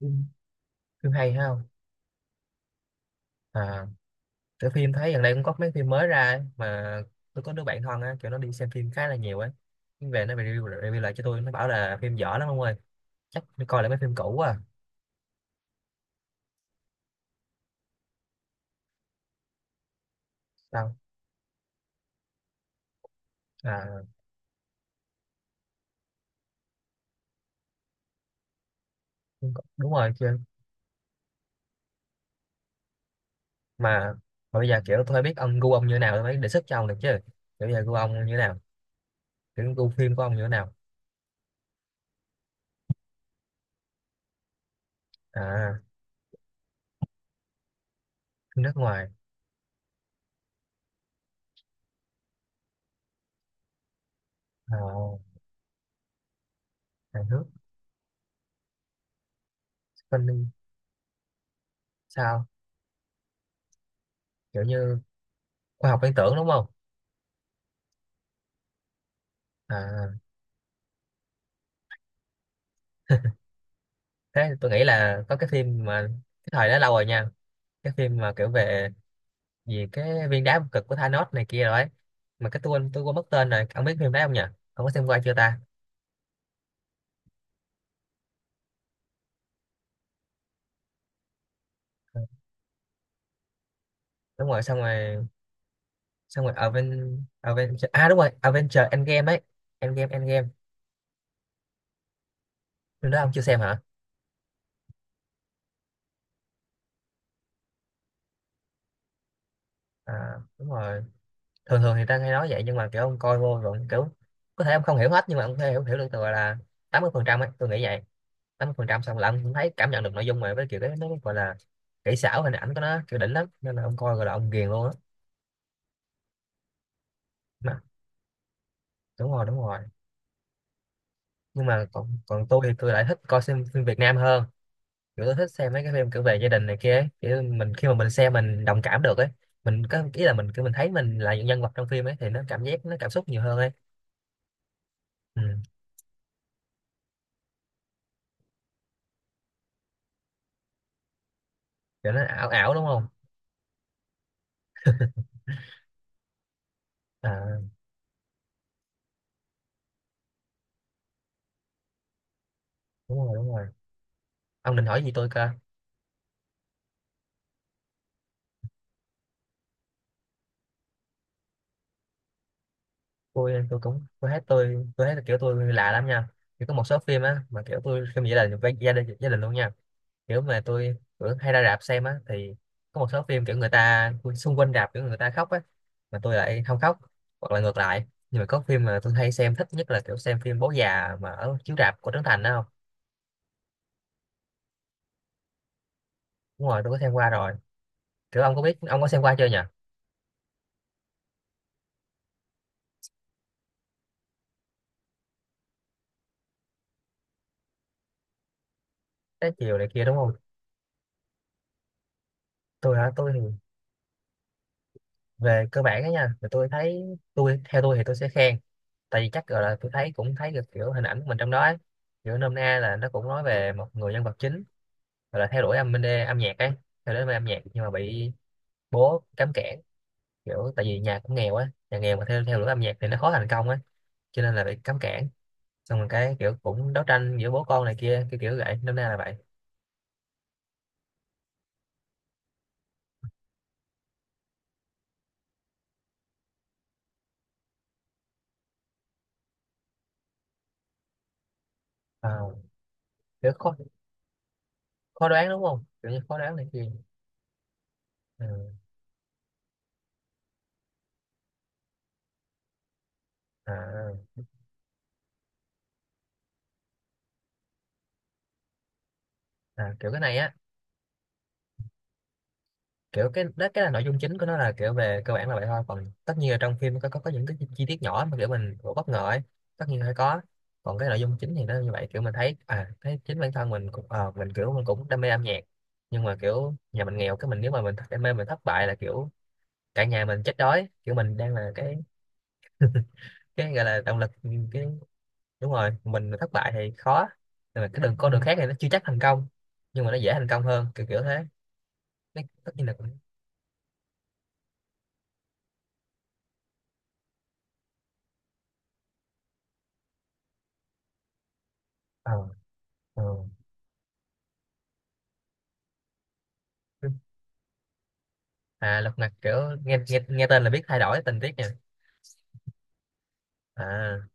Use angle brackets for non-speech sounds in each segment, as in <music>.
Ừ, phim hay hay không à? Cái phim thấy gần đây cũng có mấy phim mới ra ấy, mà tôi có đứa bạn thân á, kiểu nó đi xem phim khá là nhiều ấy. Nhưng về nó review lại cho tôi, nó bảo là phim dở lắm ông ơi, chắc đi coi lại mấy phim cũ à. Sao à? Đúng rồi chứ. mà, mà bây giờ kiểu tôi biết ông gu ông như nào tôi mới đề xuất cho ông được chứ. Kiểu bây giờ gu ông như nào, kiểu gu phim của ông như nào? À, phim nước ngoài, à, Hàn Quốc. Funny? Sao? Kiểu như khoa học viễn tưởng đúng không? À, thế tôi nghĩ là có cái phim mà cái thời đó lâu rồi nha. Cái phim mà kiểu về gì cái viên đá vô cực của Thanos này kia rồi ấy, mà cái tôi quên mất tên rồi, ông biết phim đấy không nhỉ? Ông có xem qua chưa ta? Ừ, đúng rồi, xong rồi. Xong rồi Aven Avenger, à đúng rồi, Avenger Endgame ấy. Endgame, Endgame. Phim đó ông chưa xem hả? À, đúng rồi, thường thường thì ta hay nói vậy nhưng mà kiểu ông coi vô rồi kiểu có thể ông không hiểu hết, nhưng mà ông có thể hiểu hiểu được, từ gọi là 80% ấy, tôi nghĩ vậy. 80%, xong là ông cũng thấy cảm nhận được nội dung, mà với kiểu cái nó gọi là kỹ xảo hình ảnh của nó kiểu đỉnh lắm, nên là ông coi gọi là ông ghiền luôn á. Mà- Đúng rồi, đúng rồi. Nhưng mà còn còn tôi thì tôi lại thích coi xem phim Việt Nam hơn. Kiểu tôi thích xem mấy cái phim kiểu về gia đình này kia ấy. Kiểu mình khi mà mình xem mình đồng cảm được ấy, mình có ý là mình kiểu mình thấy mình là những nhân vật trong phim ấy thì nó cảm giác, nó cảm xúc nhiều hơn ấy. Ừ. Kiểu nó ảo ảo đúng không? À đúng rồi, đúng rồi. Ông định hỏi gì tôi cơ? Tôi thấy tôi thấy kiểu tôi lạ lắm nha. Kiểu có một số phim á mà kiểu tôi phim vậy là với gia đình, gia đình luôn nha. Kiểu mà tôi kiểu hay ra rạp xem á, thì có một số phim kiểu người ta xung quanh rạp kiểu người ta khóc á, mà tôi lại không khóc, hoặc là ngược lại. Nhưng mà có phim mà tôi hay xem thích nhất là kiểu xem phim Bố già mà ở chiếu rạp của Trấn Thành đó, không? Đúng rồi, tôi có xem qua rồi. Kiểu ông có biết, ông có xem qua chưa nhỉ? Trái chiều này kia đúng không? Tôi hả? Tôi thì về cơ bản đó nha, thì tôi thấy, tôi theo tôi thì tôi sẽ khen. Tại vì chắc gọi là tôi thấy, cũng thấy được kiểu hình ảnh của mình trong đó ấy. Kiểu nôm na là nó cũng nói về một người nhân vật chính, gọi là theo đuổi âm bên đê âm nhạc ấy. Theo đuổi âm nhạc nhưng mà bị bố cấm cản. Kiểu tại vì nhà cũng nghèo á, nhà nghèo mà theo theo đuổi âm nhạc thì nó khó thành công á, cho nên là bị cấm cản. Xong rồi cái kiểu cũng đấu tranh giữa bố con này kia, cái kiểu vậy, nôm na là vậy. À, kiểu khó, khó đoán đúng không, kiểu như khó đoán này kia. Ừ. À, à, à, kiểu cái này á. Kiểu cái đó, cái là nội dung chính của nó là kiểu về cơ bản là vậy thôi, còn tất nhiên là trong phim có những cái chi tiết nhỏ mà kiểu mình cũng bất ngờ ấy, tất nhiên phải có. Còn cái nội dung chính thì nó như vậy, kiểu mình thấy, à thấy chính bản thân mình cũng mình kiểu mình cũng đam mê âm nhạc, nhưng mà kiểu nhà mình nghèo, cái mình nếu mà mình đam mê mình thất bại là kiểu cả nhà mình chết đói, kiểu mình đang là cái gọi là động lực cái. Đúng rồi, mình thất bại thì khó, nhưng mà cái đường, con đường khác thì nó chưa chắc thành công, nhưng mà nó dễ thành công hơn, kiểu kiểu thế. Nó tất nhiên là cũng ờ ờ. À lật mặt kiểu, nghe nghe tên là biết thay đổi tình tiết nha. À,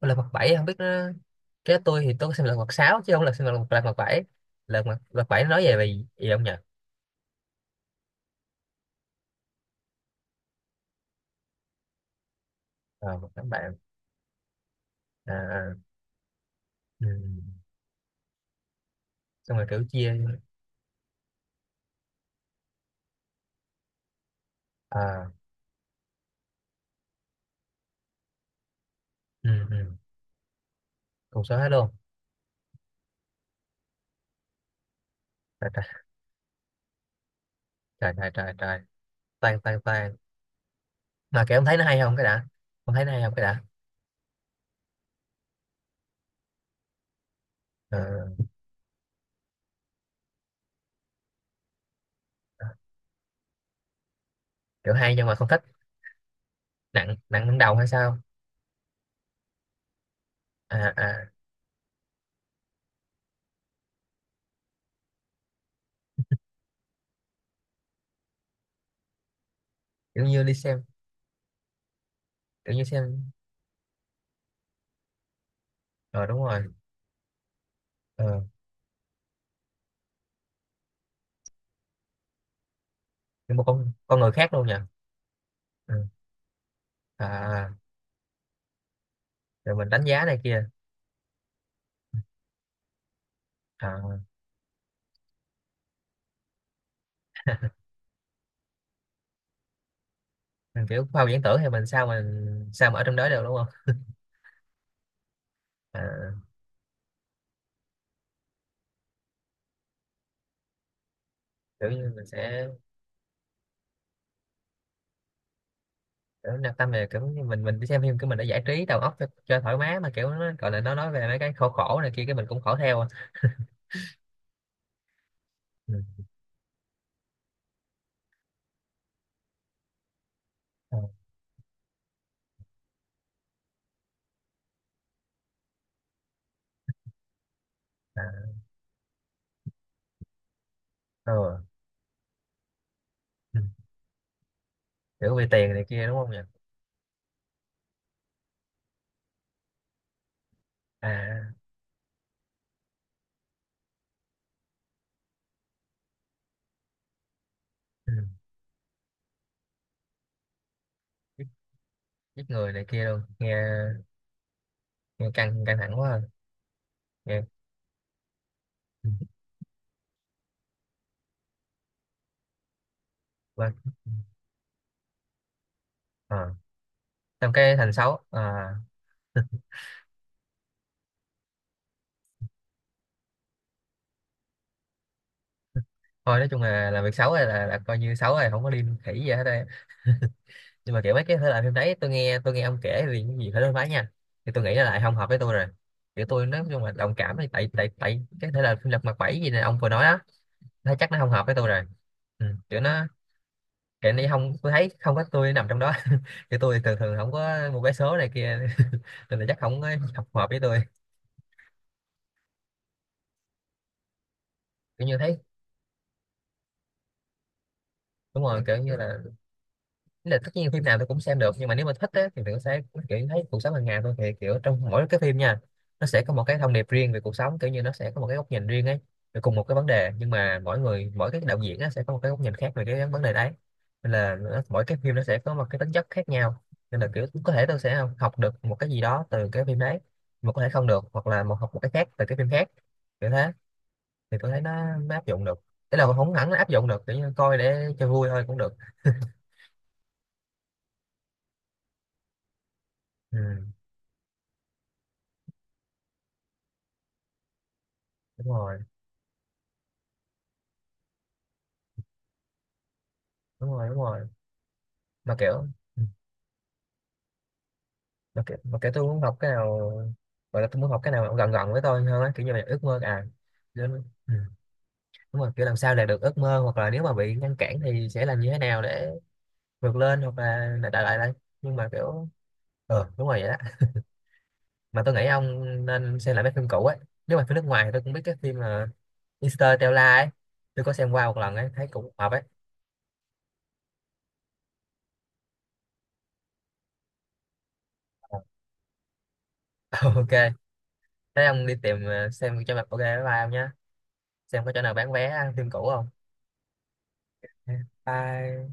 lật mặt 7 không biết nó, cái tôi thì tôi có xem lật mặt 6 chứ không là xem lật mặt 7. Lật mặt lật bảy nó nói về về gì không nhỉ? Ờ một đám bạn, à, à. Ừ. Xong rồi kiểu chia, à, ừ, ừ. Cùng số hết luôn. Trời trời trời trời trời trời. Tan tan tan. Mà kiểu ông thấy nó hay không cái đã, ông thấy nó hay không cái đã? Ờ, kiểu hay nhưng mà không thích. Nặng, nặng đến đầu hay sao? À, à, kiểu như đi xem, kiểu như xem. Ờ đúng rồi. Ờ, như một con người khác luôn nhỉ. Ừ. À, rồi mình đánh giá này kia. À, <laughs> mình kiểu khoa học viễn tưởng thì mình sao, mình sao mà ở trong đó được đúng không? À, kiểu như mình sẽ, kiểu nạp tâm về, kiểu như mình đi xem phim của mình để giải trí đầu óc cho thoải mái, mà kiểu nó gọi là nó nói về mấy cái khổ, khổ này kia, cái mình cũng khổ theo à. Ừ. Ờ, à, ừ. Ừ. Kiểu vì tiền này kia đúng không nhỉ? À, ừ. Giết, giết người này kia luôn nghe. Nghe căng, căng thẳng quá à. Nghe. Ừ. Vâng, à. Trong cái thành xấu à? Thôi nói chung là làm việc xấu này là coi như xấu rồi, không có liên khỉ gì hết đây. Nhưng mà kiểu mấy cái thể loại phim đấy tôi nghe, tôi nghe ông kể thì cái gì phải đối phái nha, thì tôi nghĩ là lại không hợp với tôi rồi. Kiểu tôi nói chung là đồng cảm thì tại tại tại cái thể loại phim lật mặt 7 gì này ông vừa nói á, thấy chắc nó không hợp với tôi rồi. Ừ. Kiểu nó, kiểu này không, tôi thấy không có tôi nằm trong đó. <laughs> Kiểu tôi thường thường không có một cái số này kia. <laughs> Nên là chắc không có hợp, hợp với tôi. Kiểu như thấy, đúng rồi, kiểu như là, ý là tất nhiên phim nào tôi cũng xem được, nhưng mà nếu mà thích á, thì mình sẽ kiểu thấy cuộc sống hàng ngày thôi. Thì kiểu trong mỗi cái phim nha, nó sẽ có một cái thông điệp riêng về cuộc sống, kiểu như nó sẽ có một cái góc nhìn riêng ấy, về cùng một cái vấn đề, nhưng mà mỗi người, mỗi cái đạo diễn á, sẽ có một cái góc nhìn khác về cái vấn đề đấy, nên là nó, mỗi cái phim nó sẽ có một cái tính chất khác nhau. Nên là kiểu có thể tôi sẽ học học được một cái gì đó từ cái phim đấy, mà có thể không được, hoặc là một học một cái khác từ cái phim khác, kiểu thế. Thì tôi thấy nó áp dụng được. Thế là không hẳn là áp dụng được, kiểu như coi để cho vui thôi cũng được. Ừ, đúng rồi, đúng rồi, đúng rồi. Mà kiểu ừ, mà kiểu, mà kiểu tôi muốn học cái nào, gọi là tôi muốn học cái nào gần, gần với tôi hơn á, kiểu như là ước mơ à. Nên- đúng rồi, kiểu làm sao đạt được ước mơ, hoặc là nếu mà bị ngăn cản thì sẽ làm như thế nào để vượt lên, hoặc là đại lại đây. Nhưng mà kiểu đúng rồi, vậy đó. Mà tôi nghĩ ông nên xem lại mấy phim cũ ấy. Nếu mà phim nước ngoài thì tôi cũng biết cái phim mà Interstellar ấy, tôi có xem qua một lần ấy thấy cũng hợp ấy. <laughs> Ok. Thế ông đi tìm xem cho mặt, ok, bye bye ông nhé. Xem có chỗ nào bán vé phim cũ không. Ba.